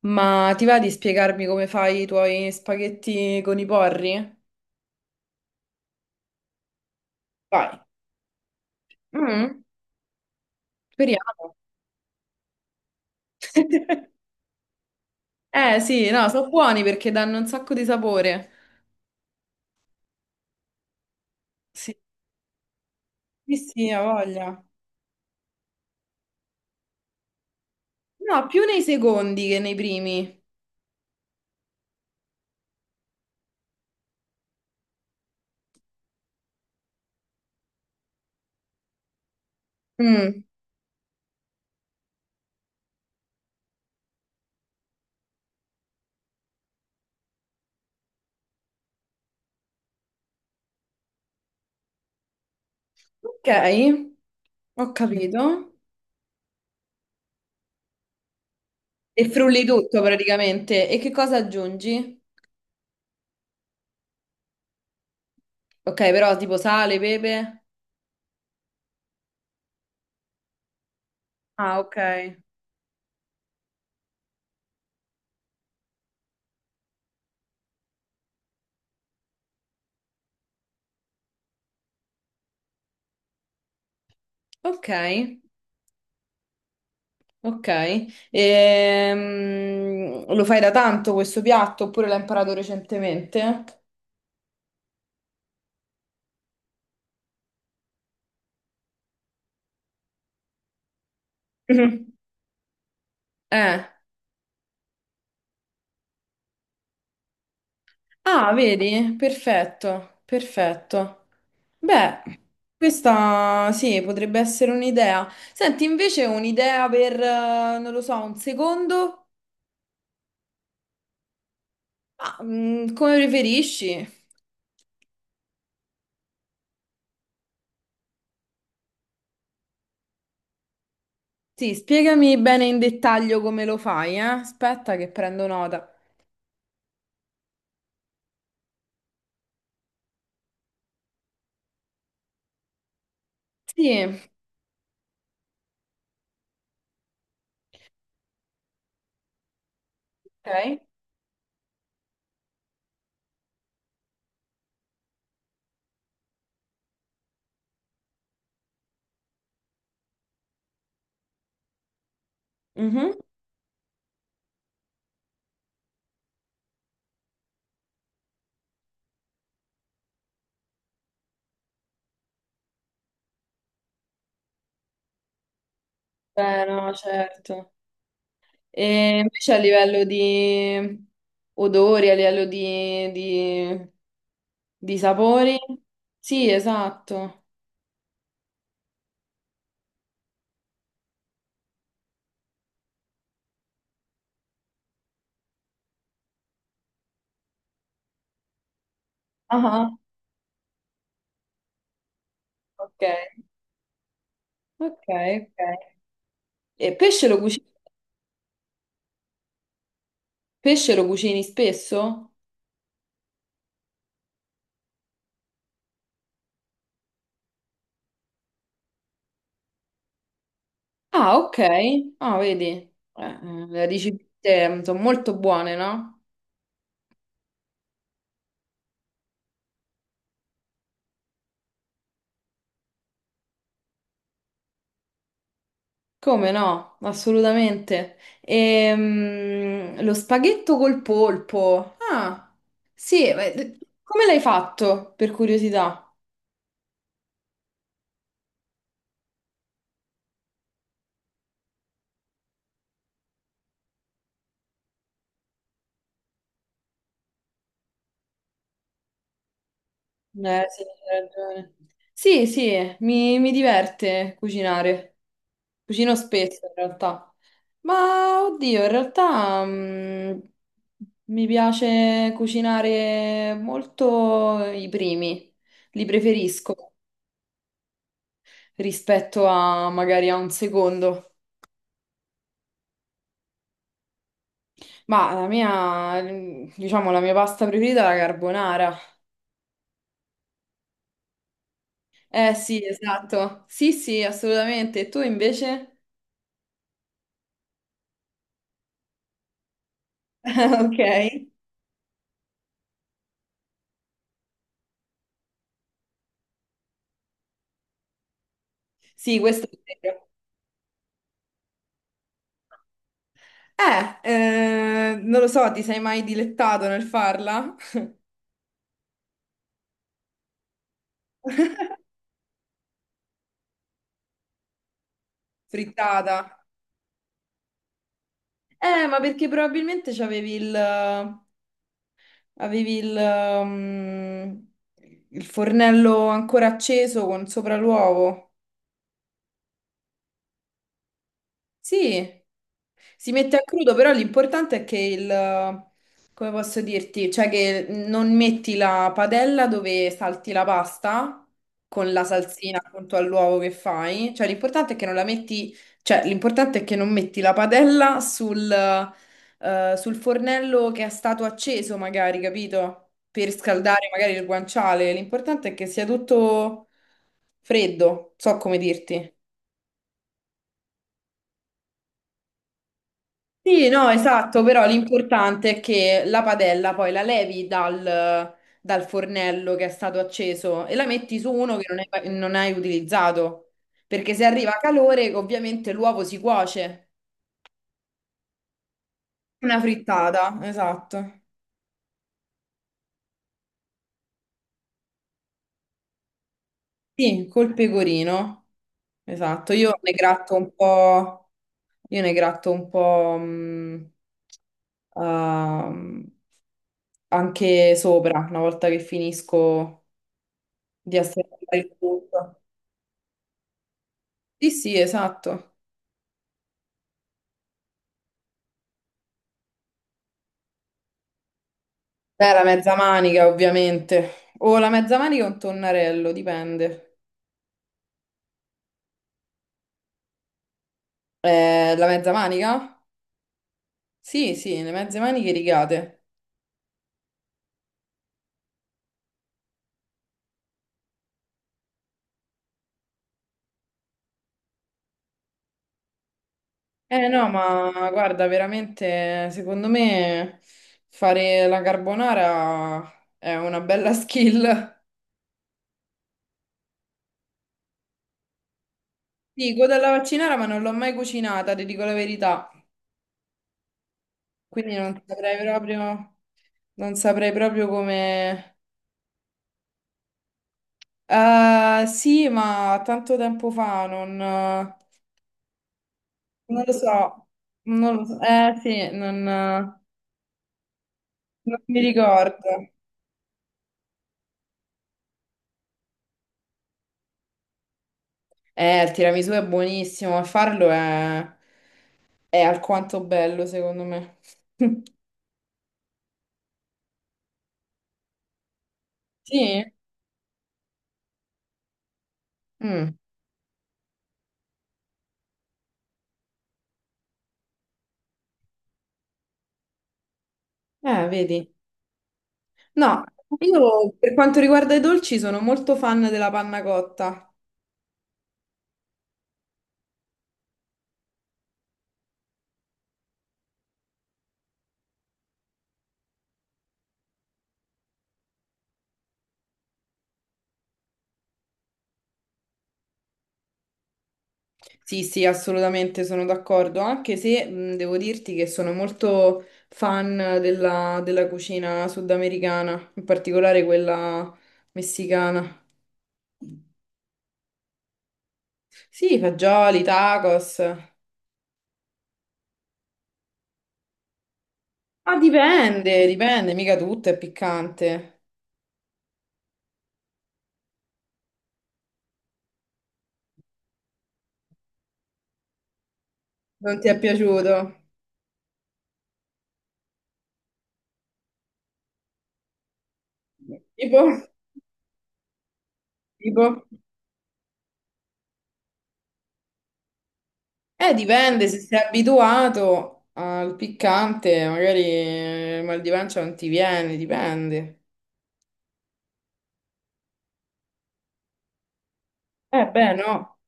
Ma ti va di spiegarmi come fai i tuoi spaghetti con i porri? Vai. Mm, speriamo. Eh sì, no, sono buoni perché danno un sacco di sapore. Sì, sì, sì, ha voglia. No, più nei secondi che nei primi. Mm. Ok, ho capito. E frulli tutto praticamente. E che cosa aggiungi? Ok, però tipo sale, pepe. Ah, ok. Ok. Ok. Lo fai da tanto questo piatto oppure l'hai imparato recentemente? Mhm. Eh. Ah, vedi? Perfetto, perfetto. Beh, questa sì, potrebbe essere un'idea. Senti, invece un'idea per, non lo so, un secondo? Ah, come preferisci? Sì, spiegami bene in dettaglio come lo fai, eh? Aspetta che prendo nota. Sì, ok. Mhm. Beh, no, certo. E invece a livello di odori, a livello di sapori, sì, esatto. Ah, ah. Ok, ok, ok. E pesce lo cucini spesso? Ah, ok. Ah, vedi, le ricette sono molto buone, no? Come no? Assolutamente. Lo spaghetto col polpo. Ah, sì, come l'hai fatto, per curiosità? Sì, hai ragione. Sì, sì, mi diverte cucinare. Cucino spesso, in realtà. Ma, oddio, in realtà, mi piace cucinare molto i primi. Li preferisco rispetto a magari a un secondo. Ma la mia, diciamo, la mia pasta preferita è la carbonara. Eh sì, esatto. Sì, sì, assolutamente. E tu invece? Ok. Sì, questo è vero. Non lo so, ti sei mai dilettato nel farla? Frittata? Ma perché probabilmente avevi mm, il fornello ancora acceso con sopra l'uovo. Sì, si mette a crudo, però l'importante è che il, come posso dirti, cioè che non metti la padella dove salti la pasta con la salsina appunto all'uovo che fai, cioè l'importante è che non la metti, cioè l'importante è che non metti la padella sul fornello che è stato acceso magari, capito? Per scaldare magari il guanciale, l'importante è che sia tutto freddo, so come dirti. Sì, no, esatto, però l'importante è che la padella poi la levi dal fornello che è stato acceso e la metti su uno che non hai utilizzato, perché se arriva calore ovviamente l'uovo si cuoce. Una frittata, esatto. Sì, col pecorino, esatto. Io ne gratto un po' ehm, anche sopra, una volta che finisco di assemblare il tutto. Sì, sì, esatto. Beh, la mezza manica, ovviamente. O la mezza manica o un tonnarello, dipende. La mezza manica? Sì, sì, le mezze maniche rigate. Eh no, ma guarda, veramente, secondo me fare la carbonara è una bella skill. Sì, della vaccinara, ma non l'ho mai cucinata, ti dico la verità. Quindi non saprei proprio, non saprei proprio come. Sì, ma tanto tempo fa non. Non lo so, non lo so. Eh sì, non mi ricordo. Il tiramisù è buonissimo, ma farlo è alquanto bello, secondo me. Sì? Mm. Vedi. No, io per quanto riguarda i dolci sono molto fan della panna cotta. Sì, sì, assolutamente sono d'accordo, anche se devo dirti che sono molto fan della cucina sudamericana, in particolare quella messicana. Sì, fagioli, tacos. Ah, dipende, dipende, mica tutto è piccante. Non ti è piaciuto? Tipo, tipo. Dipende, se sei abituato al piccante, magari il mal di pancia non ti viene, dipende. Beh, no.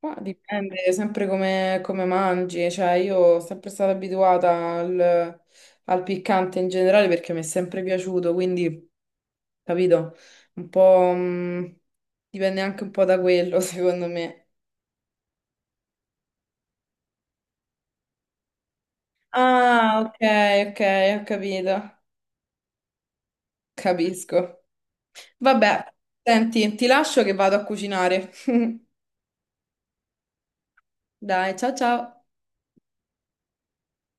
Ma dipende sempre come mangi, cioè io sono sempre stata abituata al, piccante in generale perché mi è sempre piaciuto, quindi capito, un po' dipende anche un po' da quello secondo me. Ah, ok, ok, ho capito, capisco. Vabbè, senti, ti lascio che vado a cucinare. Dai, ciao ciao.